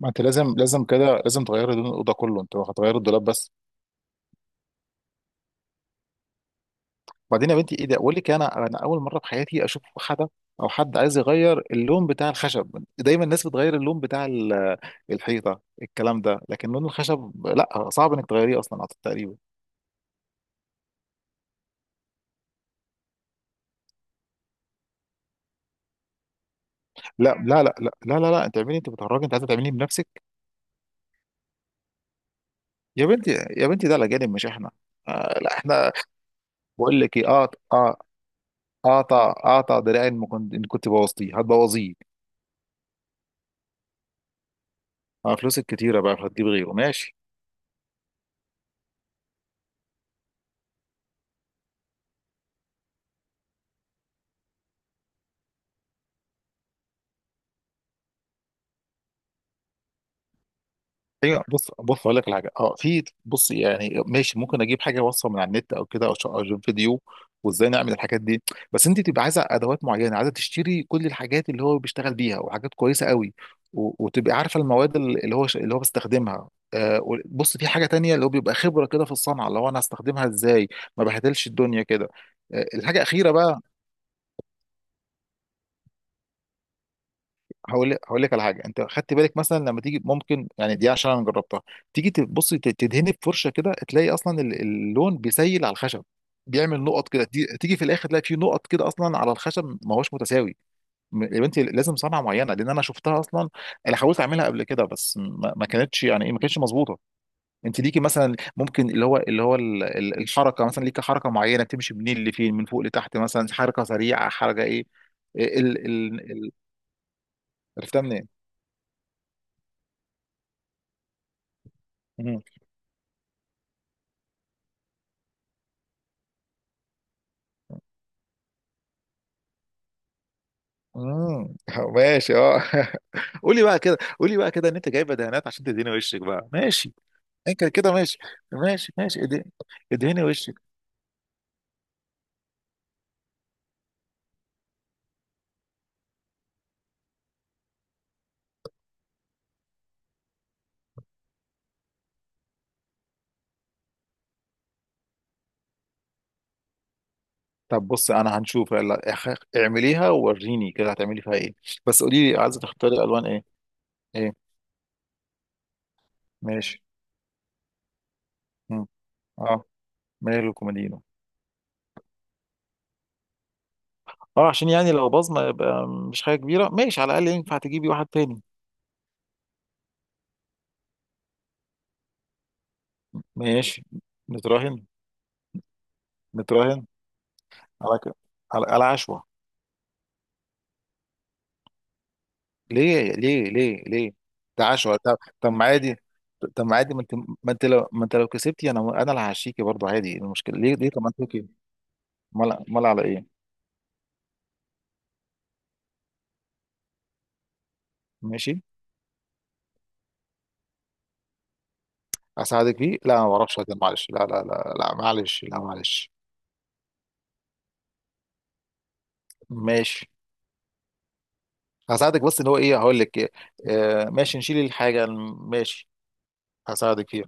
ما انت لازم، كده لازم تغيري لون الاوضه كله. انت هتغير الدولاب بس؟ بعدين يا بنتي، ايه ده؟ اقول لك، انا اول مره في حياتي اشوف حدا او حد عايز يغير اللون بتاع الخشب. دايما الناس بتغير اللون بتاع الحيطه، الكلام ده، لكن لون الخشب لا، صعب انك تغيريه اصلا، أعتقد تقريبا. لا لا لا لا لا لا. انت اعملي؟ انت بتهرجي؟ انت عايزه تعمليه بنفسك؟ يا بنتي، يا بنتي، ده الاجانب مش احنا. آه لا، احنا. بقول لك ايه، اقطع. اقطع، دراعي ان كنت، إن كنت بوظتيه هتبوظيه. فلوسك كتيره بقى، هتجيب غيره؟ ماشي. ايوه، بص، اقول لك على حاجه. اه في، بص يعني، ماشي. ممكن اجيب حاجه، وصفه من على النت او كده، أو أجيب فيديو وازاي نعمل الحاجات دي. بس انت تبقى عايزه ادوات معينه، عايزه تشتري كل الحاجات اللي هو بيشتغل بيها وحاجات كويسه قوي. وتبقى عارفه المواد، اللي هو، اللي هو بيستخدمها. بص، في حاجه تانية، اللي هو بيبقى خبره كده في الصنعه، اللي هو انا هستخدمها ازاي، ما بهدلش الدنيا كده. الحاجه الاخيره بقى، هقول لك على حاجه. انت خدت بالك مثلا لما تيجي، ممكن يعني، دي عشان انا جربتها. تيجي تبص، تدهني بفرشه كده، تلاقي اصلا اللون بيسيل على الخشب، بيعمل نقط كده. تيجي في الاخر، تلاقي في نقط كده اصلا على الخشب، ما هوش متساوي. يا بنتي، لازم صنعه معينه، لان انا شفتها اصلا. انا حاولت اعملها قبل كده، بس ما كانتش يعني ايه، ما كانتش مظبوطه. انت ليكي مثلا، ممكن اللي هو الحركه مثلا، ليكي حركه معينه، بتمشي منين لفين، من فوق لتحت مثلا، حركه سريعه، حركه ايه. إيه ال ال ال عرفتها منين؟ امم ماشي، اه. قولي بقى كده ان انت جايبه دهانات عشان تدهني وشك بقى. ماشي. انت كده ماشي، ماشي، ادهني وشك. طب بص، انا هنشوف، يلا اعمليها ووريني كده، هتعملي فيها ايه. بس قولي لي، عايزه تختاري الوان ايه؟ ايه؟ ماشي. مم. اه، مايل وكوميدينو. اه، عشان يعني لو باظ ما يبقى مش حاجه كبيره، ماشي، على الاقل ينفع تجيبي واحد تاني. ماشي. نتراهن نتراهن على كده. على عشوة. ليه ليه ليه ليه؟ ده عشوة. طب، ما عادي. طب ما عادي، ما انت، ما انت لو كسبتي، انا اللي هعشيكي برضه، عادي. إيه المشكله؟ ليه ليه؟ طب ما انت كده. مال، مال على ايه؟ ماشي، اساعدك فيه. لا ما بعرفش، معلش. لا لا لا لا، معلش. لا، معلش. ماشي، هساعدك. بس ان هو ايه، هقول لك إيه. آه ماشي، نشيل الحاجه. ماشي، هساعدك فيها.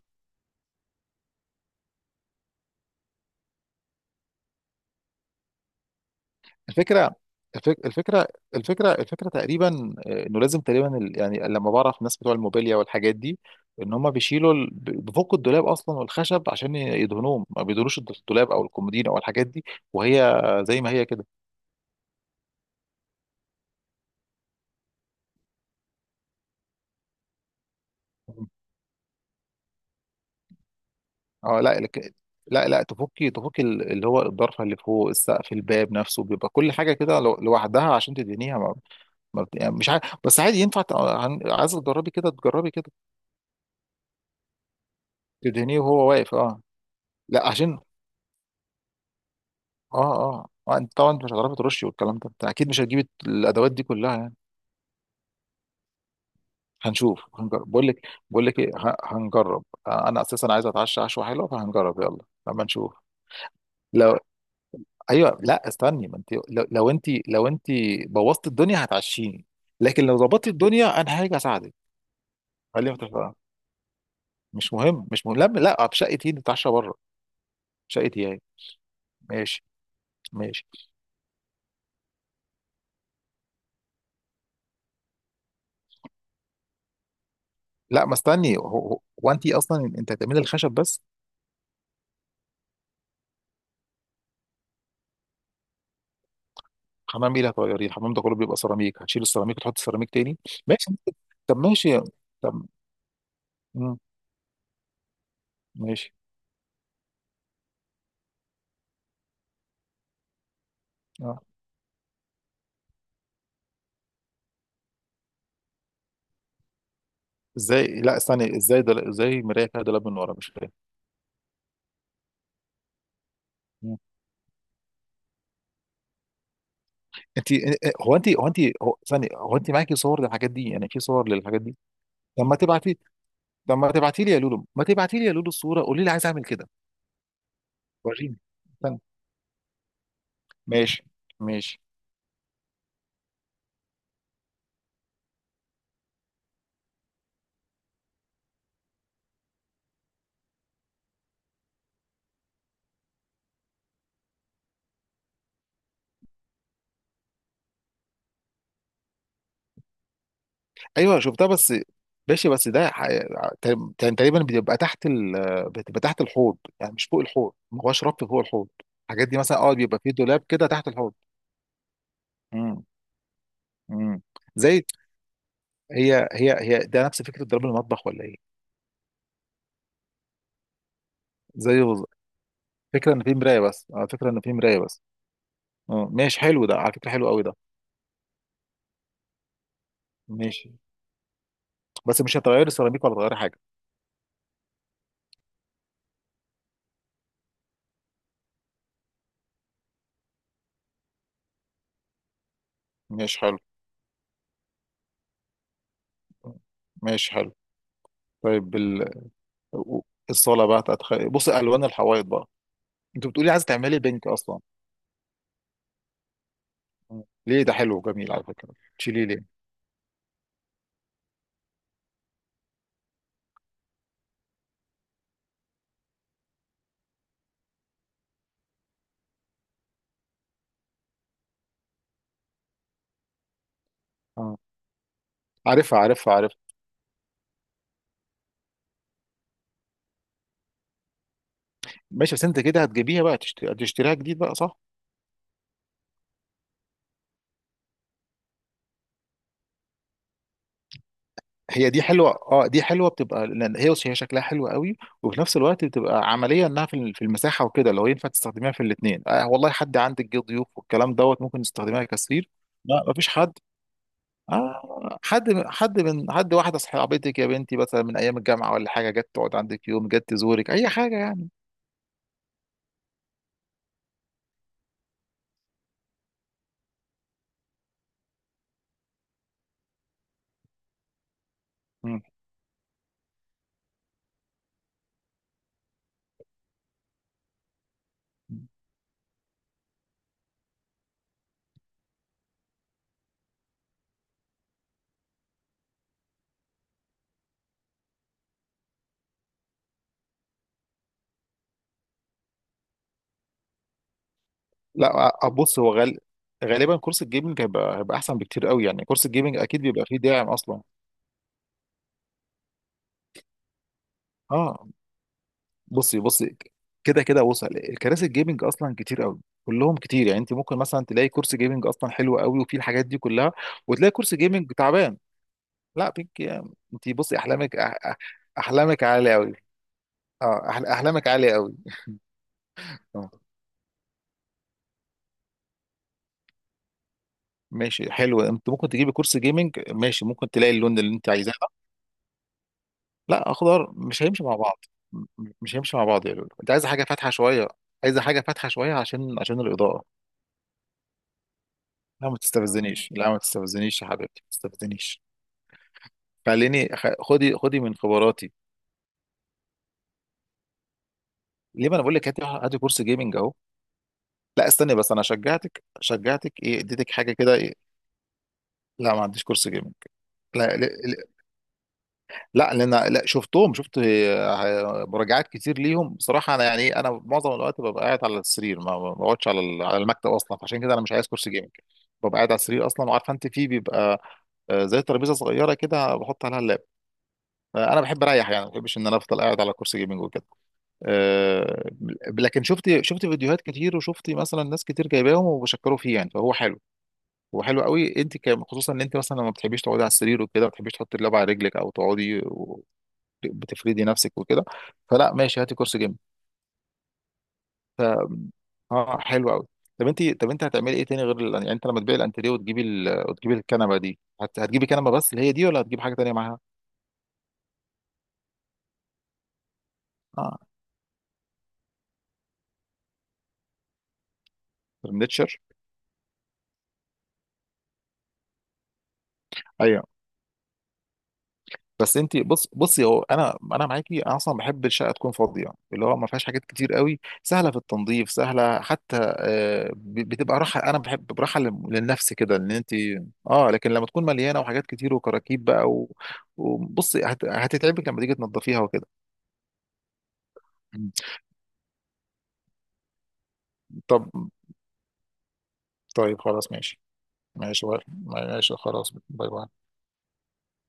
الفكرة الفك- الفكرة الفكرة تقريبا، انه لازم تقريبا يعني، لما بعرف الناس بتوع الموبيليا والحاجات دي، ان هم بيشيلوا بيفكوا الدولاب اصلا والخشب عشان يدهنوهم، ما بيدهنوش الدولاب او الكومودين او الحاجات دي، وهي زي ما هي كده. اه لا لا لا، تفكي، اللي هو الضرفه اللي فوق السقف، الباب نفسه، بيبقى كل حاجه كده لوحدها عشان تدهنيها، ما يعني مش عارف، بس عادي ينفع عايز تجربي كده، تجربي كده، تدهنيه وهو واقف. اه لا، عشان، انت طبعا انت مش هتعرفي ترشي والكلام ده، انت اكيد مش هتجيبي الادوات دي كلها يعني. هنشوف، هنجرب، بقول لك ايه، هنجرب. انا اساسا عايز اتعشى عشوه حلوه، فهنجرب يلا لما نشوف. لو ايوه، لا استني. ما انت لو، لو انت بوظت الدنيا هتعشيني، لكن لو ظبطت الدنيا انا هاجي اساعدك. خليها تفهم. مش مهم، مش مهم. لا لا، في شقتي نتعشى بره. شقتي اهي. ماشي. ماشي. لا ما، استني. هو، هو انت اصلا انت هتعملي الخشب بس؟ حمام ايه اللي هتغيريه؟ الحمام ده كله بيبقى سيراميك، هتشيل السيراميك وتحط سيراميك تاني؟ ماشي. طب ماشي. طب. مم. ماشي. آه. ازاي؟ لا استني، ازاي ده؟ ازاي مرايه فيها دولاب من ورا؟ مش فاهم. مم. انت هو استني، هو انت معاكي صور للحاجات دي يعني، في صور للحاجات دي؟ طب ما تبعتي طب ما تبعتي لي يا لولو، ما تبعتي لي يا لولو الصوره، قولي لي عايز اعمل كده. وريني، استني. ماشي. ماشي. ايوه شفتها، بس ماشي، بس ده كان تقريبا بيبقى تحت بتبقى تحت الحوض، يعني مش فوق الحوض، ما هوش رف فوق الحوض. الحاجات دي مثلا، اه، بيبقى فيه دولاب كده تحت الحوض. امم امم زي، هي ده نفس فكره ضرب المطبخ، ولا ايه؟ زي فكره ان في مرايه بس. اه، فكره ان في مرايه بس. اه ماشي، حلو ده، على فكره حلو قوي ده. ماشي. بس مش هتغير السيراميك ولا هتغير حاجه؟ ماشي حلو. ماشي حلو. طيب الصاله بقى بص، الوان الحوائط بقى. انت بتقولي عايزه تعملي بينك اصلا؟ آه. ليه؟ ده حلو وجميل على فكرة. تشيلي ليه؟ اه، عارفها عارفها عارفها. ماشي بس انت كده هتجيبيها بقى، هتشتريها جديد بقى، صح؟ هي دي حلوة. اه، دي حلوة. بتبقى لان هي شكلها حلو قوي، وفي نفس الوقت بتبقى عملية، انها في في المساحة وكده، لو ينفع تستخدميها في الاثنين. آه والله، حد عندك جه ضيوف والكلام دوت، ممكن تستخدميها كسرير. لا، مفيش حد. آه، حد، واحدة صاحبتك يا بنتي مثلا من ايام الجامعة ولا حاجة، جت تقعد عندك يوم، جت تزورك اي حاجة يعني. مم. لا بص، هو غالبا كورس الجيمنج هيبقى، احسن بكتير قوي، يعني كورس الجيمنج اكيد بيبقى فيه داعم اصلا. اه، بصي بصي، كده كده وصل الكراسي الجيمنج اصلا كتير قوي، كلهم كتير. يعني انت ممكن مثلا تلاقي كورس جيمنج اصلا حلو قوي وفيه الحاجات دي كلها، وتلاقي كورس جيمنج تعبان. لا، بيك. انت بصي، احلامك احلامك عاليه قوي. اه احلامك عاليه قوي. آه، ماشي، حلو. انت ممكن تجيبي كورس جيمنج ماشي، ممكن تلاقي اللون اللي انت عايزاه. لا، اخضر مش هيمشي مع بعض. مش هيمشي مع بعض يا لولو، انت عايزه حاجه فاتحه شويه. عايزه حاجه فاتحه شويه عشان، الاضاءه. لا ما تستفزنيش، لا ما تستفزنيش يا حبيبتي، ما تستفزنيش. خليني، خدي خدي من خبراتي. ليه؟ ما انا بقول لك هاتي هاتي كورس جيمنج اهو. لا استني بس، انا شجعتك؟ شجعتك ايه؟ اديتك حاجه كده، ايه؟ لا، ما عنديش كورس جيمنج. لا، لا لان انا، لا، شفتهم، شفت مراجعات كتير ليهم بصراحه. انا يعني إيه، انا معظم الوقت ببقى قاعد على السرير، ما بقعدش على على المكتب اصلا، فعشان كده انا مش عايز كرسي جيمنج. ببقى قاعد على السرير اصلا، وعارفه انت فيه بيبقى زي ترابيزه صغيره كده بحط عليها اللاب. انا بحب اريح يعني، ما بحبش ان انا افضل قاعد على كرسي جيمنج وكده. آه، لكن شفت، فيديوهات كتير، وشفت مثلا ناس كتير جايباهم وبشكروا فيه يعني، فهو حلو، وحلو قوي انت كم، خصوصا ان انت مثلا لما بتحبيش تقعدي على السرير وكده، ما بتحبيش تحطي اللعبه على رجلك او تقعدي بتفردي نفسك وكده. فلا ماشي، هاتي كرسي جيم. ف اه، حلو قوي. طب انت، هتعملي ايه تاني غير يعني، انت لما تبيعي الانتريه وتجيبي وتجيبي الكنبه دي، هتجيبي كنبه بس اللي هي دي، ولا هتجيبي حاجه تانيه معاها؟ اه، فرنتشر. ايوه. بس انت بص، بصي هو، انا، معاكي، انا اصلا بحب الشقه تكون فاضيه، اللي هو ما فيهاش حاجات كتير قوي، سهله في التنظيف، سهله حتى. بتبقى راحه، انا بحب براحه للنفس كده ان انت، اه، لكن لما تكون مليانه وحاجات كتير وكراكيب بقى وبصي، هتتعبك لما تيجي تنظفيها وكده. مم. طب. طيب خلاص ماشي. ماشي، ماشي خلاص، باي باي.